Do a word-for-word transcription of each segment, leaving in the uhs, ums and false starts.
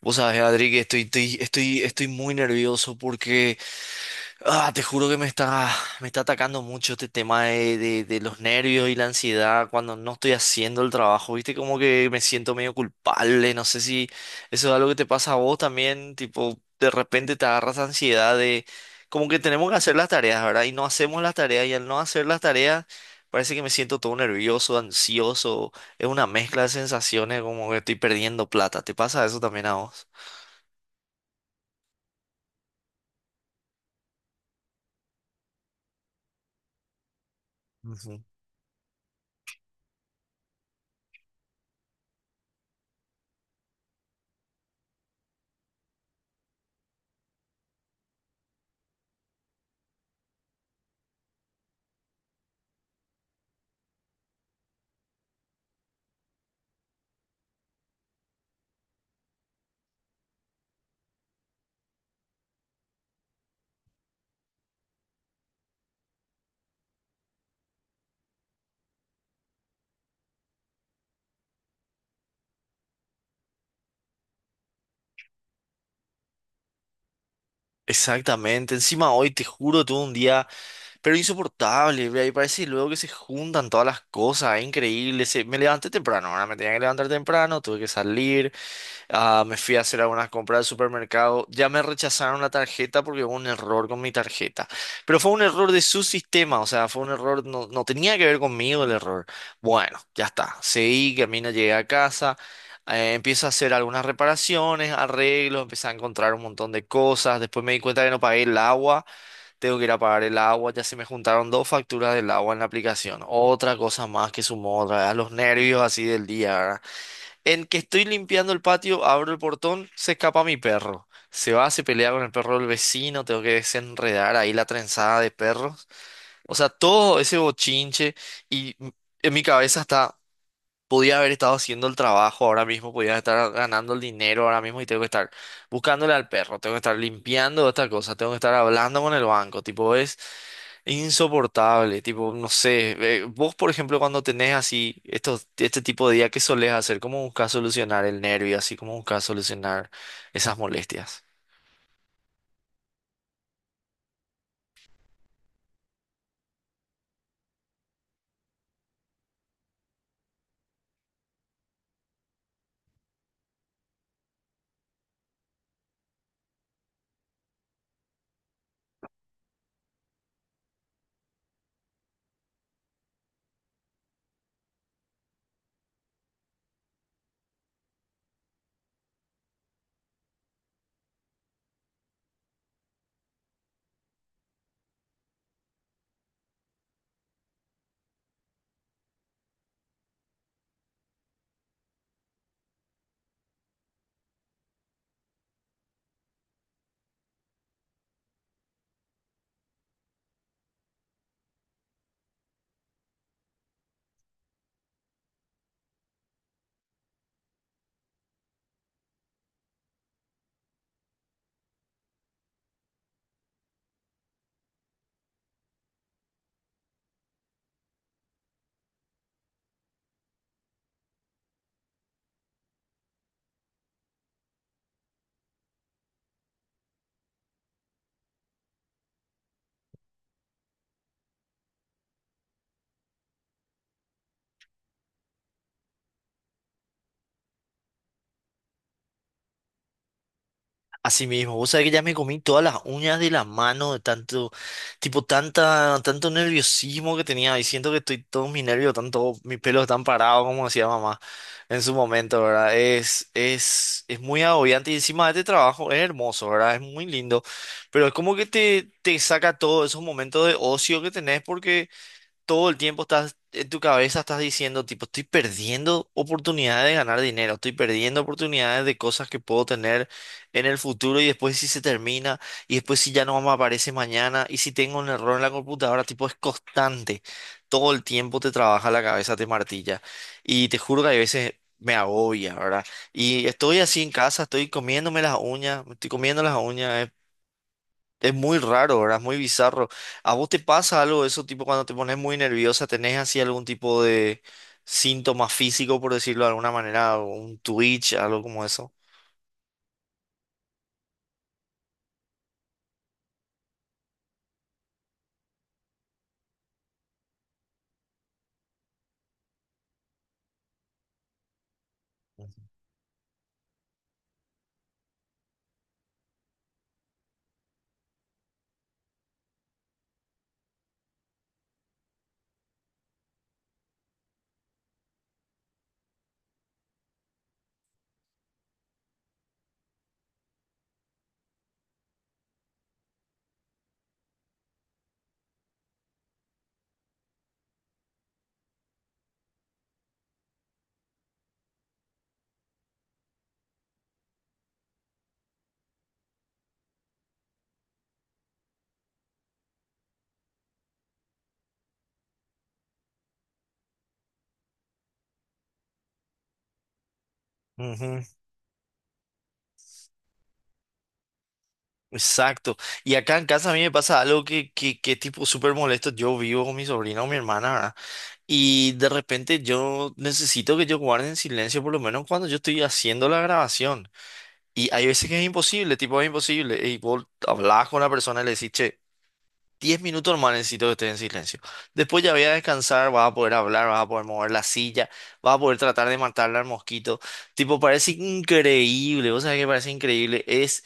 Vos sabés, Adri, que estoy, estoy, estoy, estoy muy nervioso porque ah, te juro que me está, me está atacando mucho este tema de, de, de los nervios y la ansiedad cuando no estoy haciendo el trabajo, ¿viste? Como que me siento medio culpable, no sé si eso es algo que te pasa a vos también, tipo, de repente te agarras ansiedad de como que tenemos que hacer las tareas, ¿verdad? Y no hacemos las tareas y al no hacer las tareas parece que me siento todo nervioso, ansioso, es una mezcla de sensaciones como que estoy perdiendo plata, ¿te pasa eso también a vos? Ujú. Exactamente, encima hoy te juro tuve un día, pero insoportable, ve, y parece luego que se juntan todas las cosas, es increíble, se- me levanté temprano, ahora me tenía que levantar temprano, tuve que salir. Ah, me fui a hacer algunas compras al supermercado. Ya me rechazaron la tarjeta porque hubo un error con mi tarjeta. Pero fue un error de su sistema, o sea, fue un error, no, no tenía que ver conmigo el error. Bueno, ya está. Seguí, camino, llegué a casa. Eh, empiezo a hacer algunas reparaciones, arreglos, empecé a encontrar un montón de cosas. Después me di cuenta que no pagué el agua. Tengo que ir a pagar el agua. Ya se me juntaron dos facturas del agua en la aplicación. Otra cosa más que sumó otra vez a los nervios así del día, ¿verdad? En que estoy limpiando el patio, abro el portón, se escapa mi perro. Se va, se pelea con el perro del vecino, tengo que desenredar ahí la trenzada de perros. O sea, todo ese bochinche y m- en mi cabeza está, podía haber estado haciendo el trabajo ahora mismo, podía estar ganando el dinero ahora mismo y tengo que estar buscándole al perro, tengo que estar limpiando esta cosa, tengo que estar hablando con el banco, tipo, es insoportable, tipo, no sé, eh, vos por ejemplo cuando tenés así estos, este tipo de día, ¿qué solés hacer? ¿Cómo buscas solucionar el nervio? Así cómo buscas solucionar esas molestias. Así mismo, vos sabés que ya me comí todas las uñas de las manos de tanto, tipo, tanta, tanto nerviosismo que tenía y siento que estoy, todos mis nervios, tanto, mis pelos están parados, como decía mamá en su momento, ¿verdad? Es, es, es muy agobiante y encima de este trabajo es hermoso, ¿verdad? Es muy lindo, pero es como que te, te saca todos esos momentos de ocio que tenés porque todo el tiempo estás en tu cabeza, estás diciendo, tipo, estoy perdiendo oportunidades de ganar dinero, estoy perdiendo oportunidades de cosas que puedo tener en el futuro y después si se termina y después si ya no me aparece mañana y si tengo un error en la computadora, tipo, es constante. Todo el tiempo te trabaja la cabeza, te martilla y te juro que hay veces. Me agobia, ¿verdad? Y estoy así en casa, estoy comiéndome las uñas, me estoy comiendo las uñas, es muy raro, ¿verdad? Es muy bizarro. ¿A vos te pasa algo de eso, tipo cuando te pones muy nerviosa, tenés así algún tipo de síntoma físico, por decirlo de alguna manera, o un twitch, algo como eso? Ujú. Exacto. Y acá en casa a mí me pasa algo que, que, que es tipo súper molesto. Yo vivo con mi sobrina o mi hermana, ¿verdad? Y de repente yo necesito que ellos guarden silencio, por lo menos cuando yo estoy haciendo la grabación. Y hay veces que es imposible, tipo es imposible. Y vos hablás con la persona y le decís, che. Diez minutos nomás necesito que estés en silencio. Después ya voy a descansar, vas a poder hablar, vas a poder mover la silla, vas a poder tratar de matarle al mosquito. Tipo, parece increíble, vos sabés que parece increíble. Es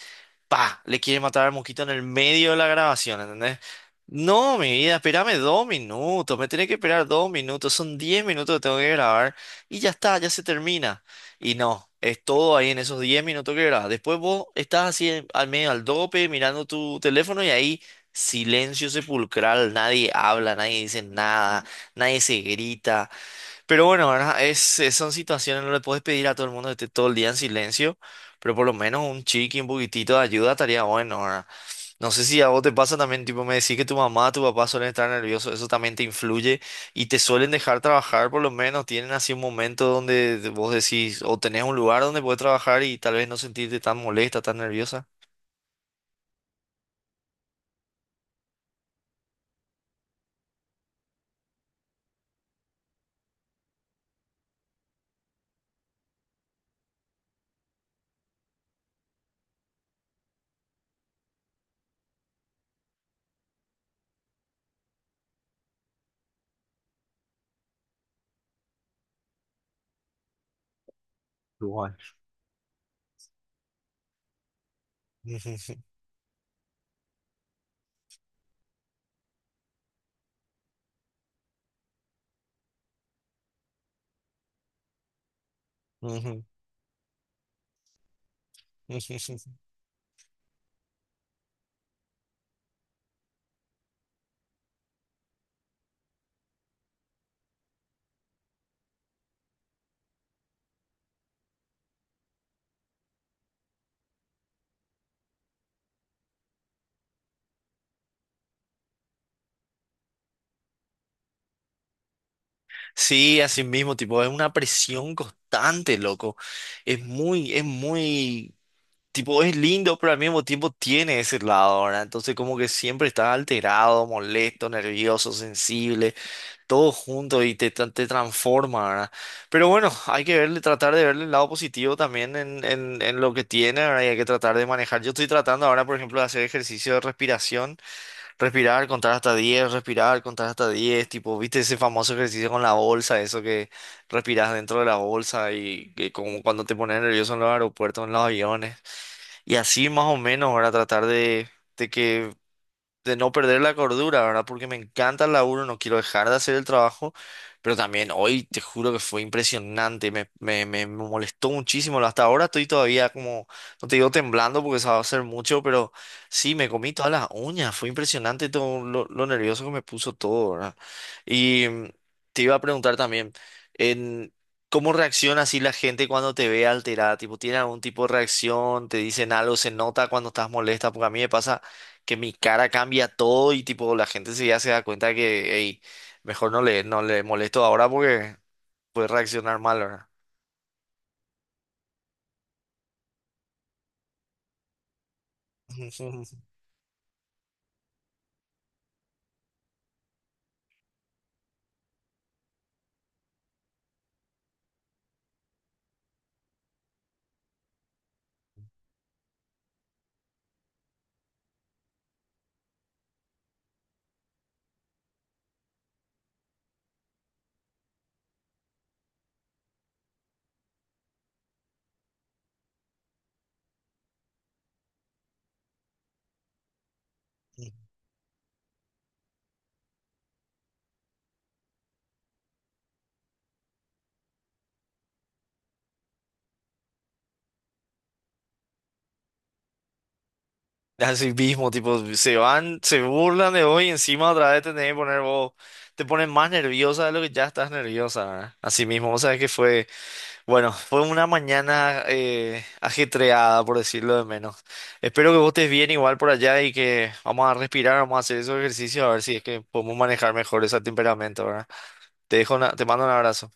pa, le quiere matar al mosquito en el medio de la grabación, ¿entendés? No, mi vida, espérame dos minutos, me tenés que esperar dos minutos, son diez minutos que tengo que grabar y ya está, ya se termina. Y no, es todo ahí en esos diez minutos que grabas. Después vos estás así en- al medio, al dope, mirando tu teléfono y ahí silencio sepulcral, nadie habla, nadie dice nada, nadie se grita, pero bueno, ¿verdad? Es, es- son situaciones, no le puedes pedir a todo el mundo que esté todo el día en silencio, pero por lo menos un chiqui, un poquitito de ayuda estaría bueno, ¿verdad? No sé si a vos te pasa también, tipo, me decís que tu mamá, tu papá suelen estar nerviosos, eso también te influye y te suelen dejar trabajar, por lo menos tienen así un momento donde vos decís, o tenés un lugar donde puedes trabajar y tal vez no sentirte tan molesta, tan nerviosa. Igual. Ujú, ujú. Ujú. Sí, así mismo, tipo, es una presión constante, loco. Es muy, es muy tipo, es lindo, pero al mismo tiempo tiene ese lado, ¿verdad? Entonces como que siempre estás alterado, molesto, nervioso, sensible, todo junto y te, tra- te transforma, ¿verdad? Pero bueno, hay que verle, tratar de verle el lado positivo también en, en, en lo que tiene, ¿verdad? Y hay que tratar de manejar. Yo estoy tratando ahora, por ejemplo, de hacer ejercicio de respiración, respirar, contar hasta diez, respirar, contar hasta diez. Tipo, ¿viste ese famoso ejercicio con la bolsa, eso que respiras dentro de la bolsa y que como cuando te pones nervioso en los aeropuertos, en los aviones? Y así más o menos, ahora tratar de, de que de no perder la cordura, ¿verdad? Porque me encanta el laburo, no quiero dejar de hacer el trabajo, pero también hoy te juro que fue impresionante, me, me, me me molestó muchísimo, hasta ahora estoy todavía como, no te digo temblando porque se va a hacer mucho, pero sí, me comí todas las uñas, fue impresionante todo lo, lo nervioso que me puso todo, ¿verdad? Y mm, te iba a preguntar también, en... ¿Cómo reacciona así la gente cuando te ve alterada? Tipo, ¿tiene algún tipo de reacción? ¿Te dicen algo? ¿Se nota cuando estás molesta? Porque a mí me pasa que mi cara cambia todo y tipo la gente se ya se da cuenta que, hey, mejor no le, no le molesto ahora porque puede reaccionar mal, ¿verdad? Así mismo, tipo, se van, se burlan de hoy y encima otra vez te tenés que poner vos, te pones más nerviosa de lo que ya estás nerviosa, ¿verdad? Así mismo, vos sabés que fue, bueno, fue una mañana eh, ajetreada, por decirlo de menos. Espero que vos estés bien igual por allá y que vamos a respirar, vamos a hacer esos ejercicios a ver si es que podemos manejar mejor ese temperamento, ¿verdad? Te dejo una- te mando un abrazo.